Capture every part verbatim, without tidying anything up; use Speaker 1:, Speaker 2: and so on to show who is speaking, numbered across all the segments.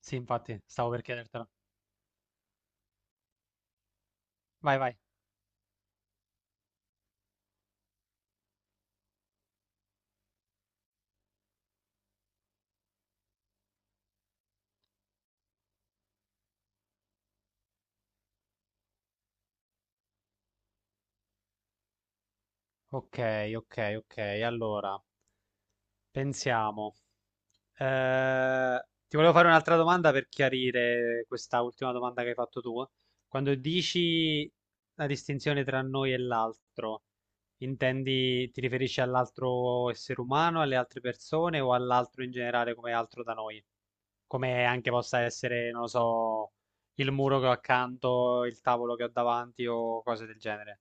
Speaker 1: Sì, infatti, stavo per chiedertelo. Vai, vai. Ok, ok, ok. Allora, pensiamo. Eh, ti volevo fare un'altra domanda per chiarire questa ultima domanda che hai fatto tu. Quando dici la distinzione tra noi e l'altro, intendi, ti riferisci all'altro essere umano, alle altre persone o all'altro in generale come altro da noi? Come anche possa essere, non lo so, il muro che ho accanto, il tavolo che ho davanti o cose del genere.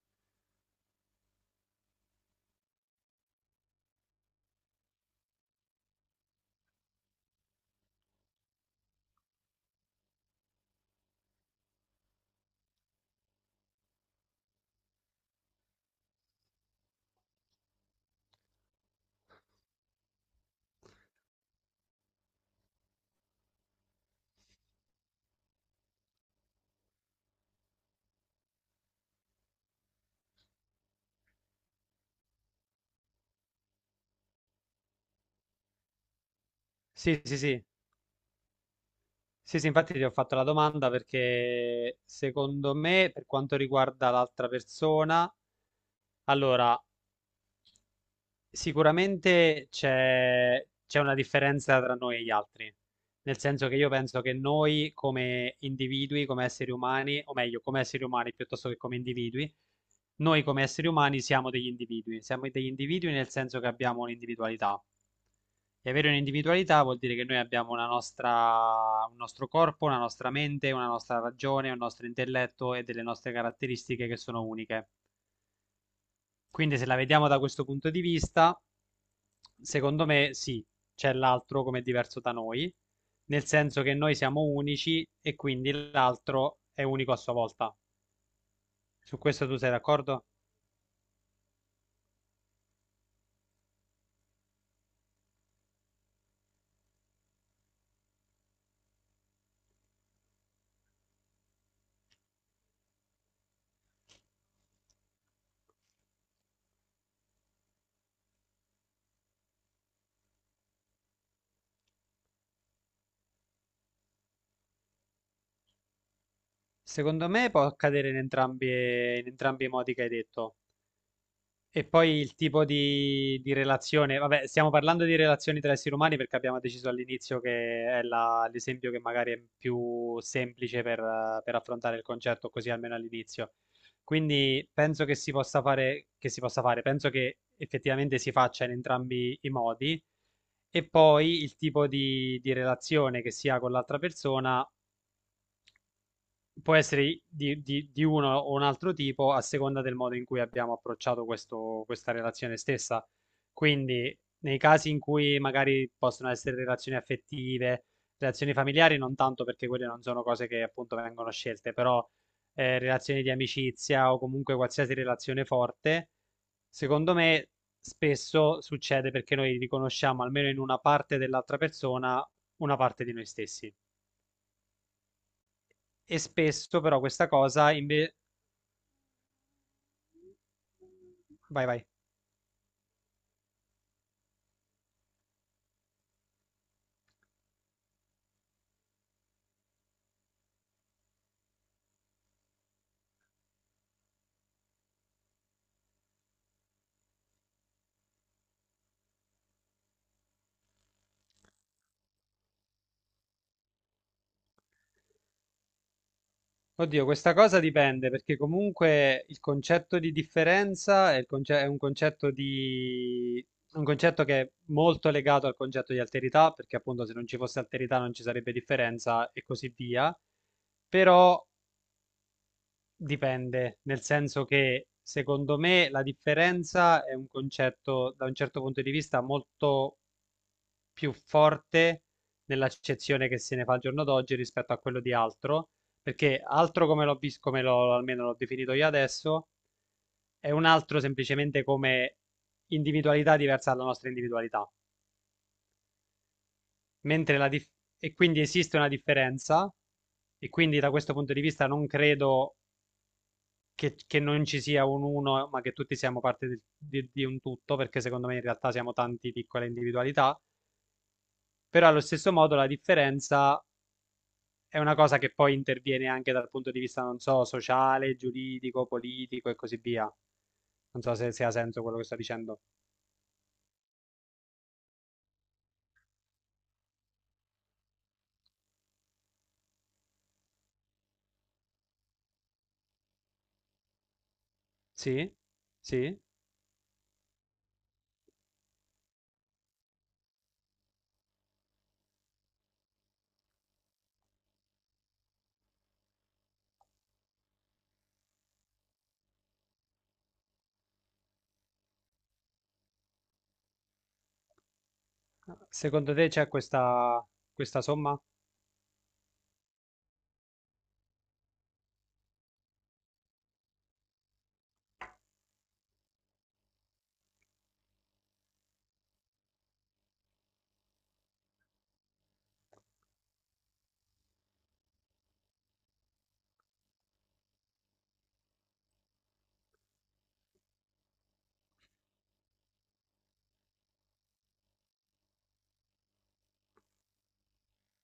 Speaker 1: Sì, sì, sì. Sì, sì, infatti ti ho fatto la domanda perché secondo me, per quanto riguarda l'altra persona, allora, sicuramente c'è c'è una differenza tra noi e gli altri, nel senso che io penso che noi come individui, come esseri umani, o meglio, come esseri umani piuttosto che come individui, noi come esseri umani siamo degli individui, siamo degli individui nel senso che abbiamo un'individualità. E avere un'individualità vuol dire che noi abbiamo una nostra, un nostro corpo, una nostra mente, una nostra ragione, un nostro intelletto e delle nostre caratteristiche che sono uniche. Quindi se la vediamo da questo punto di vista, secondo me sì, c'è l'altro come diverso da noi, nel senso che noi siamo unici e quindi l'altro è unico a sua volta. Su questo tu sei d'accordo? Secondo me può accadere in entrambi, in entrambi i modi che hai detto. E poi il tipo di, di relazione, vabbè, stiamo parlando di relazioni tra esseri umani perché abbiamo deciso all'inizio che è la- l'esempio che magari è più semplice per, eh, per affrontare il concetto, così almeno all'inizio. Quindi penso che si possa fare, che si possa fare, penso che effettivamente si faccia in entrambi i modi. E poi il tipo di, di relazione che si ha con l'altra persona può essere di, di- di uno o un altro tipo a seconda del modo in cui abbiamo approcciato questo- questa relazione stessa. Quindi, nei casi in cui magari possono essere relazioni affettive, relazioni familiari, non tanto perché quelle non sono cose che appunto vengono scelte, però eh, relazioni di amicizia o comunque qualsiasi relazione forte, secondo me spesso succede perché noi riconosciamo almeno in una parte dell'altra persona una parte di noi stessi. E spesso però questa cosa invece. Vai, vai. Oddio, questa cosa dipende perché comunque il concetto di differenza è, il conce- è un concetto di un concetto che è molto legato al concetto di alterità, perché appunto se non ci fosse alterità non ci sarebbe differenza e così via. Però dipende, nel senso che secondo me la differenza è un concetto da un certo punto di vista molto più forte nell'accezione che se ne fa al giorno d'oggi rispetto a quello di altro, perché altro come l'ho visto, come l'ho almeno l'ho definito io adesso, è un altro semplicemente come individualità diversa dalla nostra individualità. Mentre la dif- e quindi esiste una differenza, e quindi da questo punto di vista non credo che, che non ci sia un uno, ma che tutti siamo parte del- di, di un tutto, perché secondo me in realtà siamo tante piccole individualità, però allo stesso modo la differenza è una cosa che poi interviene anche dal punto di vista, non so, sociale, giuridico, politico e così via. Non so se, se ha senso quello che sto dicendo. Sì? Sì? Secondo te c'è questa, questa somma?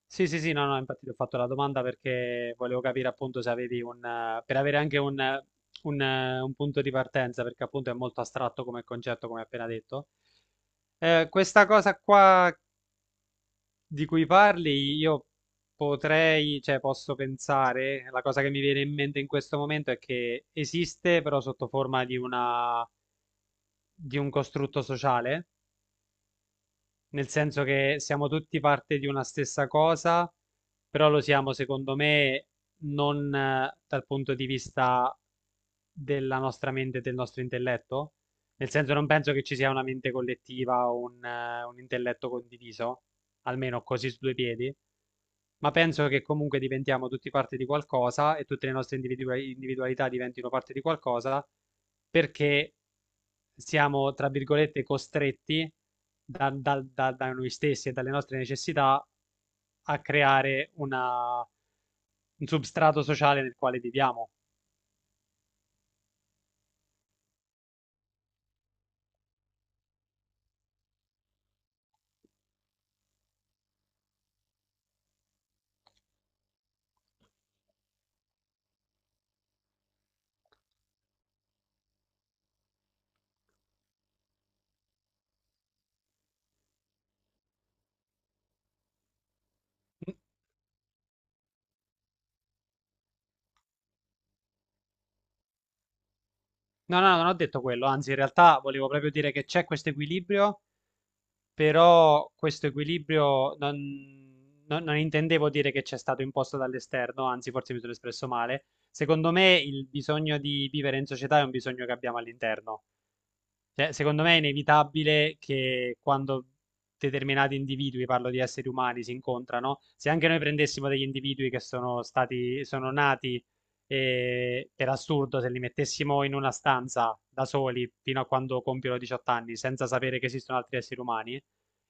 Speaker 1: Sì, sì, sì, no, no, infatti ti ho fatto la domanda perché volevo capire appunto se avevi un, eh, per avere anche un, eh, un, eh, un punto di partenza, perché appunto è molto astratto come concetto, come appena detto. Eh, questa cosa qua di cui parli, io potrei, cioè posso pensare, la cosa che mi viene in mente in questo momento è che esiste però sotto forma di una, di un costrutto sociale, nel senso che siamo tutti parte di una stessa cosa, però lo siamo, secondo me, non eh, dal punto di vista della nostra mente e del nostro intelletto. Nel senso, non penso che ci sia una mente collettiva o un, eh, un intelletto condiviso almeno così su due piedi, ma penso che comunque diventiamo tutti parte di qualcosa e tutte le nostre individua- individualità diventino parte di qualcosa perché siamo, tra virgolette, costretti da, da- da- da noi stessi e dalle nostre necessità a creare una- un substrato sociale nel quale viviamo. No, no, non ho detto quello, anzi, in realtà volevo proprio dire che c'è questo equilibrio, però questo equilibrio non, non- non intendevo dire che c'è stato imposto dall'esterno, anzi forse mi sono espresso male. Secondo me il bisogno di vivere in società è un bisogno che abbiamo all'interno, cioè, secondo me è inevitabile che quando determinati individui, parlo di esseri umani, si incontrano, se anche noi prendessimo degli individui che sono stati, sono nati eh, per assurdo, se li mettessimo in una stanza da soli fino a quando compiono diciotto anni, senza sapere che esistono altri esseri umani,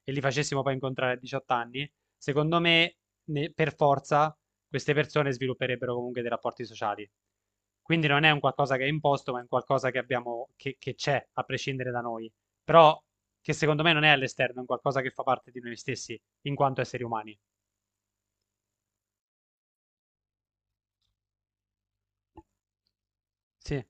Speaker 1: e li facessimo poi incontrare a diciotto anni, secondo me ne- per forza queste persone svilupperebbero comunque dei rapporti sociali. Quindi non è un qualcosa che è imposto, ma è un qualcosa che abbiamo, che, che c'è, a prescindere da noi. Però che secondo me non è all'esterno, è un qualcosa che fa parte di noi stessi, in quanto esseri umani. Sì.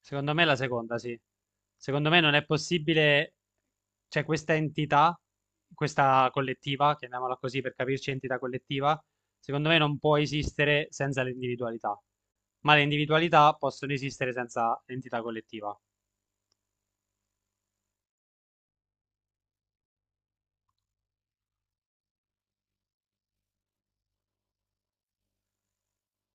Speaker 1: Secondo me è la seconda, sì. Secondo me non è possibile, cioè questa entità, questa collettiva, chiamiamola così per capirci, entità collettiva, secondo me non può esistere senza l'individualità, ma le individualità possono esistere senza l'entità collettiva.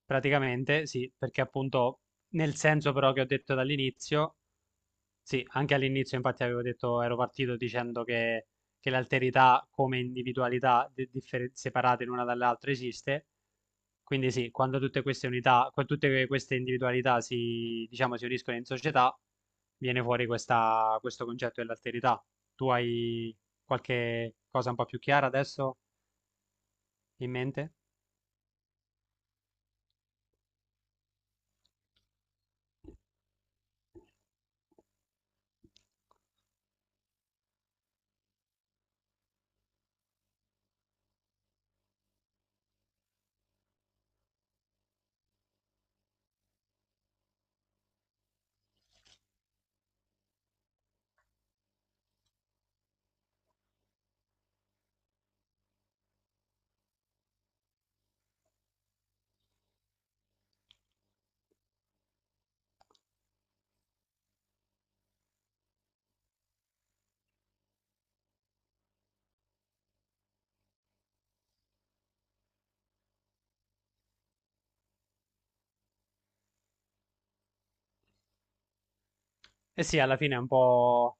Speaker 1: Praticamente sì, perché appunto nel senso però che ho detto dall'inizio, sì, anche all'inizio infatti avevo detto, ero partito dicendo che, che l'alterità come individualità di- differ- separate l'una dall'altra esiste, quindi sì, quando tutte queste unità, qua- tutte que- queste individualità si, diciamo, si uniscono in società, viene fuori questa- questo concetto dell'alterità. Tu hai qualche cosa un po' più chiara adesso in mente? Eh sì, alla fine è un po'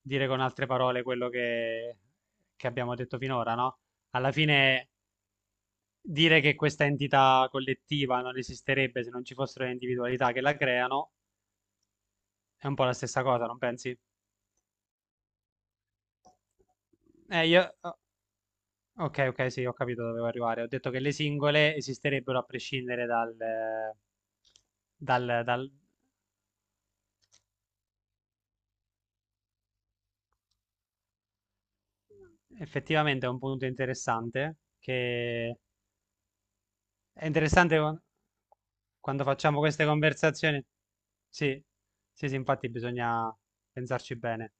Speaker 1: dire con altre parole quello che, che abbiamo detto finora, no? Alla fine dire che questa entità collettiva non esisterebbe se non ci fossero le individualità che la creano è un po' la stessa cosa, non pensi? Eh, io... oh, ok, ok, sì, ho capito dove volevo arrivare. Ho detto che le singole esisterebbero a prescindere dal eh, dal, dal... Effettivamente è un punto interessante, che è interessante quan- quando facciamo queste conversazioni. Sì, sì, sì, infatti bisogna pensarci bene.